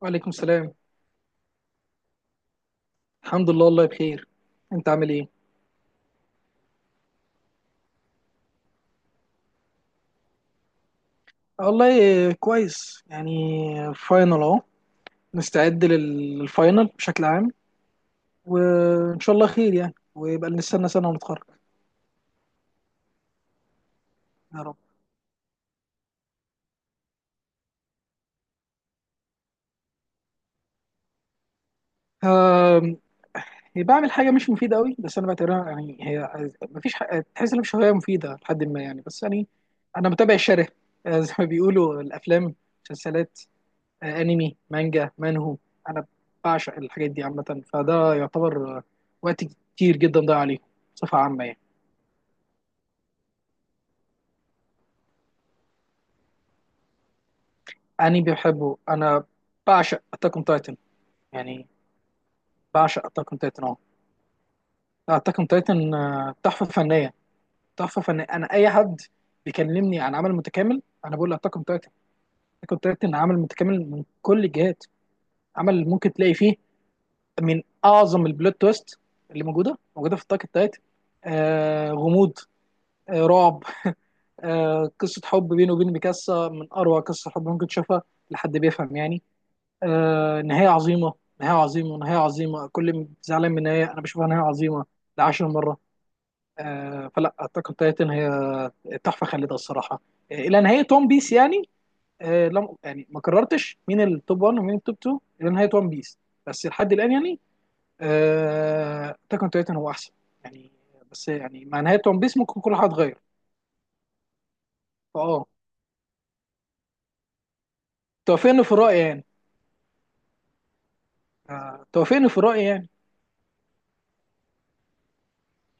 وعليكم السلام. الحمد لله والله بخير. انت عامل ايه؟ والله كويس يعني، فاينل اهو. مستعد للفاينل بشكل عام. وان شاء الله خير يعني، ويبقى نستنى سنه ونتخرج. يا رب. آم، هي بعمل حاجه مش مفيده قوي، بس انا بعتبرها يعني، هي مفيش حاجة، تحس ان مش هوايه مفيده لحد ما يعني، بس يعني انا متابع الشره. زي ما بيقولوا، الافلام، المسلسلات، انمي، مانجا، مانهو. انا بعشق الحاجات دي عامه، فده يعتبر وقت كتير جدا ضايع عليه بصفه عامه يعني. انمي بحبه انا، بعشق اتاك اون تايتن يعني. بعشق اتاك اون تايتن اه. اتاك اون تايتن تحفه فنيه. تحفه فنيه، انا اي حد بيكلمني عن عمل متكامل انا بقول له اتاك اون تايتن. اتاك اون تايتن عمل متكامل من كل الجهات. عمل ممكن تلاقي فيه من اعظم البلوت تويست اللي موجوده في اتاك اون تايتن. غموض، رعب، قصة حب بينه وبين ميكاسا من أروع قصة حب ممكن تشوفها لحد بيفهم يعني. نهاية عظيمة، نهاية عظيمة، نهاية عظيمة. كل زعلان من النهاية أنا بشوفها نهاية عظيمة لعشر مرة. فلا أتاك أون تايتن هي تحفة خالدة الصراحة. إلى نهاية ون بيس يعني. آه، لم يعني ما قررتش مين التوب 1 ومين التوب 2 إلى نهاية ون بيس. بس لحد الآن يعني، أتاك أون تايتن هو أحسن يعني. بس يعني مع نهاية ون بيس ممكن كل حاجة تتغير. فأه، توافقني في الرأي يعني؟ توافقني في الرأي يعني؟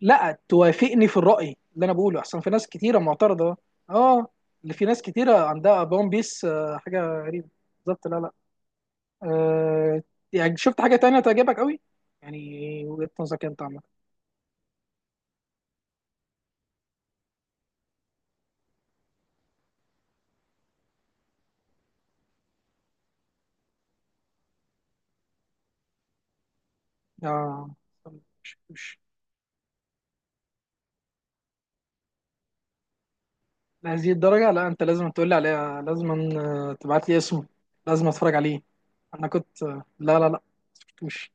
لا، توافقني في الرأي، اللي انا بقوله احسن، في ناس كتيرة معترضة. اه. اللي في ناس كتيرة عندها بون بيس حاجة غريبة. بالظبط، لا لا. آه يعني شفت حاجة تانية تعجبك قوي يعني؟ وجهة نظرك انت عامة؟ اه، مش لهذه الدرجة. لا، انت لازم تقول لي عليها، لازم تبعت لي اسمه. لازم اتفرج عليه. انا كنت لا لا لا. مش.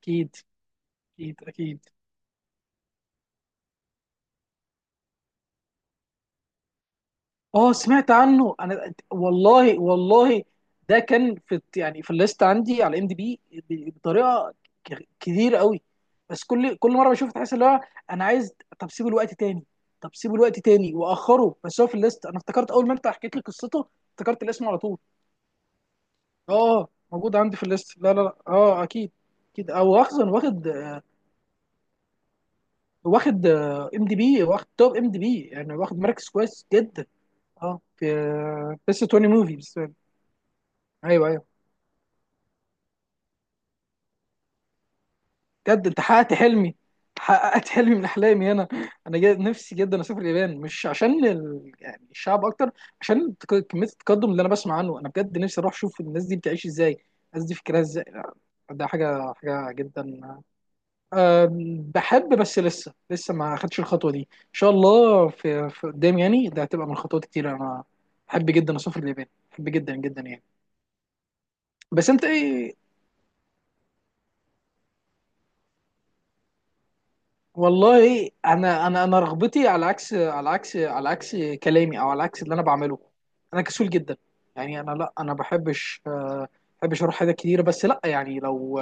اكيد اكيد اكيد. اه سمعت عنه انا، والله والله. ده كان في يعني في الليست عندي على ام دي بي بطريقه كتير قوي. بس كل مره بشوف، تحس اللي هو انا عايز. طب سيبه الوقت تاني طب سيبه الوقت تاني واخره، بس هو في الليست. انا افتكرت اول ما انت حكيت لي قصته افتكرت الاسم على طول. اه موجود عندي في الليست. لا لا لا، اه اكيد. اكيد او اصلا واخد، واخد ام دي بي، واخد توب ام دي بي يعني، واخد مركز كويس جدا. اه في بس 20 موفي بس. ايوه، ايوه. بجد انت حققت حلمي من احلامي انا. انا جد نفسي جدا اسافر اليابان، مش عشان يعني الشعب اكتر، عشان كميه التقدم اللي انا بسمع عنه. انا بجد نفسي اروح اشوف الناس دي بتعيش ازاي، الناس دي فكرها ازاي. لا، ده حاجه حاجه جدا. بحب، بس لسه لسه ما خدتش الخطوه دي. ان شاء الله في قدام يعني، ده هتبقى من خطوات كتير. انا بحب جدا اسافر اليابان، بحب جدا جدا يعني. بس انت ايه؟ والله انا، انا رغبتي على عكس كلامي او على عكس اللي انا بعمله. انا كسول جدا يعني. انا، لا، انا بحبش اروح حاجات كتيره، بس لا يعني، لو،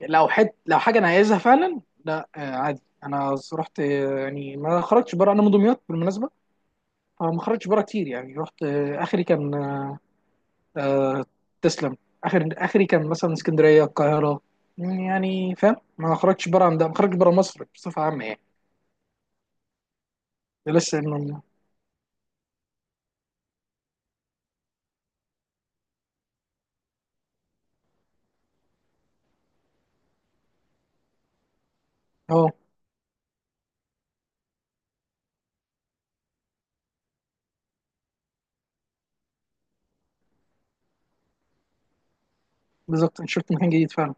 لو حد لو حاجه انا عايزها فعلا، لا عادي انا رحت. يعني ما خرجتش بره، انا من دمياط بالمناسبه، فما خرجتش بره كتير يعني. رحت اخري كان، آه، تسلم. اخري كان مثلا اسكندريه، القاهره يعني. فاهم، ما خرجتش بره عن ده، ما خرجتش بره مصر بصفه عامه يعني. ده لسه. اه، بالظبط، انت شفت مكان جديد فعلا.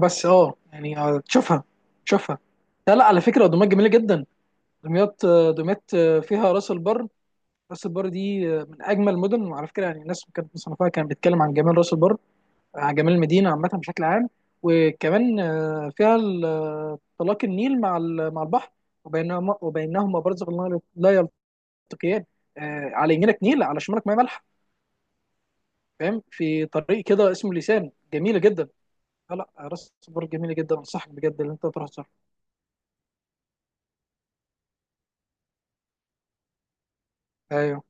بس اه يعني تشوفها، تشوفها. لا لا، على فكره دمياط جميله جدا. دمياط فيها راس البر. راس البر دي من اجمل المدن. وعلى فكره يعني، الناس كانت مصنفاها، كانت بتتكلم عن جمال راس البر، عن جمال المدينه عامه بشكل عام. وكمان فيها طلاق النيل مع مع البحر، وبينهما وبينهما برزخ لا يلتقيان. على يمينك نيل، على شمالك ميه مالحه، فاهم. في طريق كده اسمه لسان، جميله جدا. لا لا، راس البر جميله جدا، انصحك بجد ان انت تروح تزورها. ايوه.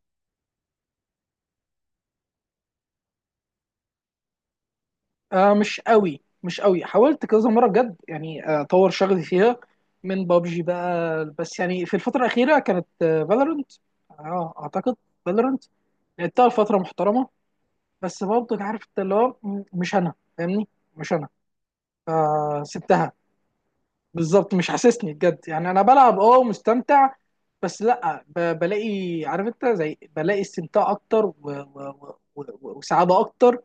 مش قوي، مش قوي. حاولت كذا مره بجد يعني اطور شغلي فيها، من بابجي بقى. بس يعني في الفتره الاخيره كانت فالورنت. اه اعتقد، فالورنت لعبتها لفتره محترمه. بس برضه عارف انت اللي هو مش انا، فاهمني؟ مش انا، فسبتها. بالظبط، مش حاسسني بجد يعني. انا بلعب اه ومستمتع، بس لا بلاقي، عارف انت، زي بلاقي استمتاع اكتر وسعاده اكتر،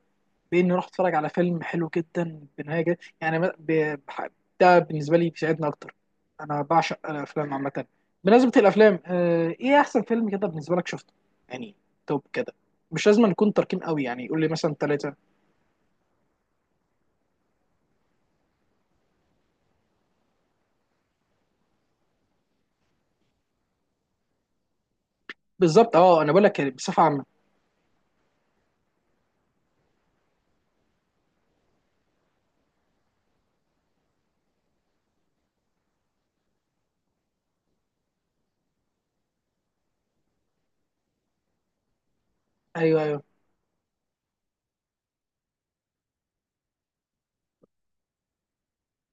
باني اروح اتفرج على فيلم حلو جدا بنهايه يعني ده بالنسبه لي بيساعدني اكتر. انا بعشق الافلام عامه. بمناسبه الافلام ايه احسن فيلم كده بالنسبه لك شفته يعني؟ توب كده، مش لازم نكون تركين قوي يعني، قول لي مثلا ثلاثه. بالظبط، اه، انا بقول لك يعني بصفه عامه. ايوه، ايوه.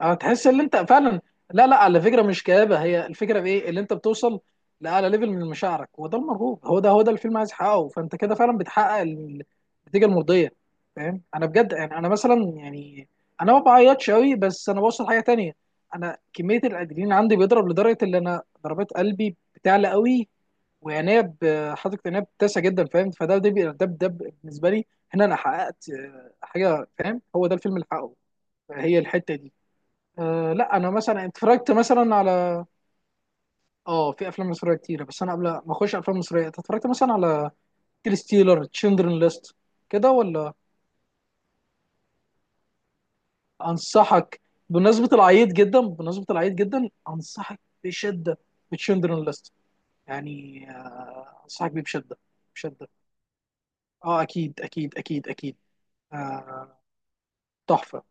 اه، تحس ان انت فعلا. لا لا، على فكره مش كآبه، هي الفكره في ايه اللي انت بتوصل لاعلى ليفل من مشاعرك. هو ده المرغوب، هو ده الفيلم عايز يحققه، فانت كده فعلا بتحقق النتيجه المرضيه، فاهم؟ انا بجد يعني، انا مثلا يعني، انا ما بعيطش قوي بس انا بوصل حاجه تانية. انا كميه الادرينالين عندي بيضرب لدرجه ان انا ضربات قلبي بتعلى قوي، وعينيا حاطط عينيا بتسع جدا، فاهم؟ فده ده ده بالنسبه لي. هنا انا حققت حاجه، فاهم؟ هو ده الفيلم اللي حققه، هي الحته دي. أه لا، انا مثلا اتفرجت مثلا على، اه، في افلام مصريه كتيره، بس انا قبل ما اخش افلام مصريه، أنت اتفرجت مثلا على انترستيلر، تشندرن ليست، كده ولا؟ انصحك، بمناسبه العيط جدا انصحك بشده بتشندرن ليست. يعني انصحك بيه بشده، بشده. اه، اكيد اكيد اكيد اكيد. آه تحفه.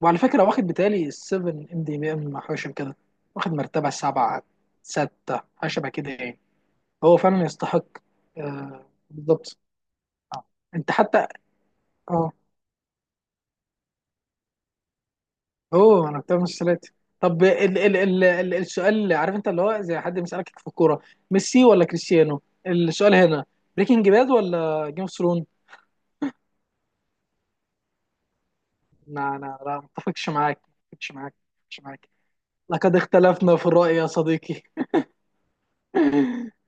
وعلى فكره واخد بتالي 7 ام دي بي ام، حاجه شبه كده، واخد مرتبه سبعه، سته، حاجه شبه كده يعني. هو فعلا يستحق. بالضبط. انت حتى، اه، هو انا بتاع مسلسلات. طب ال ال ال ال السؤال، اللي عارف انت، اللي هو زي حد بيسألك في الكورة، ميسي ولا كريستيانو؟ السؤال هنا، بريكنج باد ولا جيم اوف ثرون؟ لا، انا، لا، ما اتفقش معاك، ما اتفقش معاك، ما اتفقش معاك. لقد اختلفنا في الرأي يا صديقي.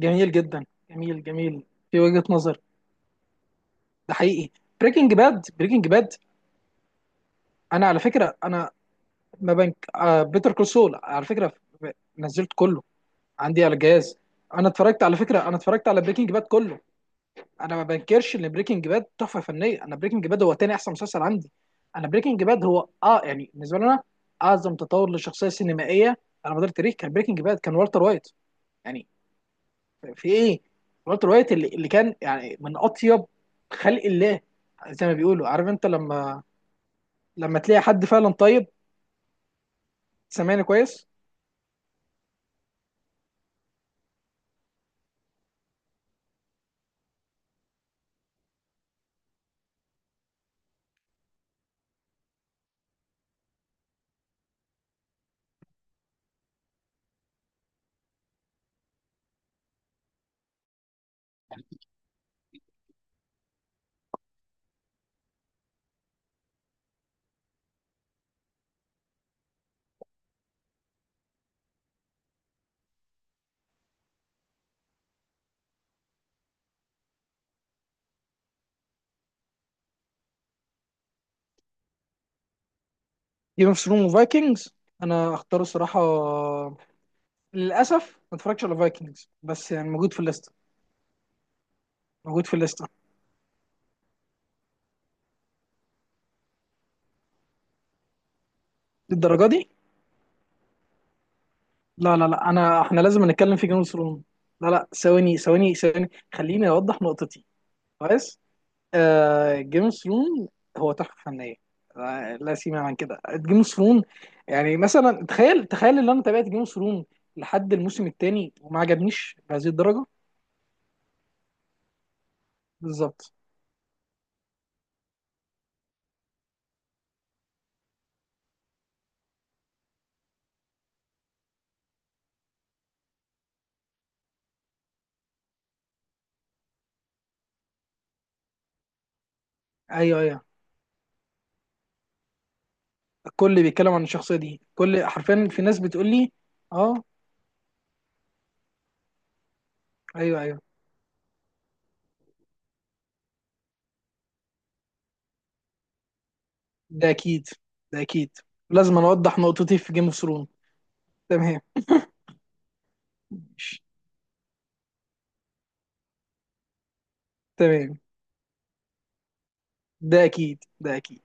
جميل جدا، جميل جميل. في وجهة نظر، ده حقيقي. بريكنج باد، بريكنج باد. انا على فكرة انا ما بنك آه بيتر كول سول على فكره ف- نزلت كله عندي على الجهاز. انا اتفرجت، على فكره، انا اتفرجت على بريكنج باد كله. انا ما بنكرش ان بريكنج باد تحفه فنيه. انا بريكنج باد هو تاني احسن مسلسل عندي. انا بريكنج باد هو، اه يعني، بالنسبه لنا اعظم تطور لشخصيه سينمائيه على مدار التاريخ كان بريكنج باد، كان والتر وايت يعني. في ايه، والتر وايت اللي كان يعني من اطيب خلق الله. زي ما بيقولوا، عارف انت لما، تلاقي حد فعلا طيب. سامعني كويس؟ جيم اوف ثرونز وفايكنجز، انا اختار الصراحه، للاسف ما اتفرجتش على فايكنجز، بس يعني موجود في الليسته. موجود في الليسته. للدرجه دي. لا لا لا، احنا لازم نتكلم في جيم اوف ثرونز. لا لا، ثواني ثواني ثواني، خليني اوضح نقطتي. كويس. جيم اوف ثرونز هو تحفه فنيه. لا سيما عن كده جيم اوف ثرونز يعني. مثلا، تخيل تخيل ان انا تابعت جيم اوف ثرونز لحد الموسم الثاني وما عجبنيش بهذه الدرجه. بالظبط. ايوه، ايوه. كل بيتكلم عن الشخصيه دي، كل حرفيا في ناس بتقول لي، اه. ايوه، ايوه. ده اكيد، ده اكيد. لازم أنا اوضح نقطتي في جيم اوف ثرون. تمام. ماشي. تمام. ده اكيد، ده اكيد.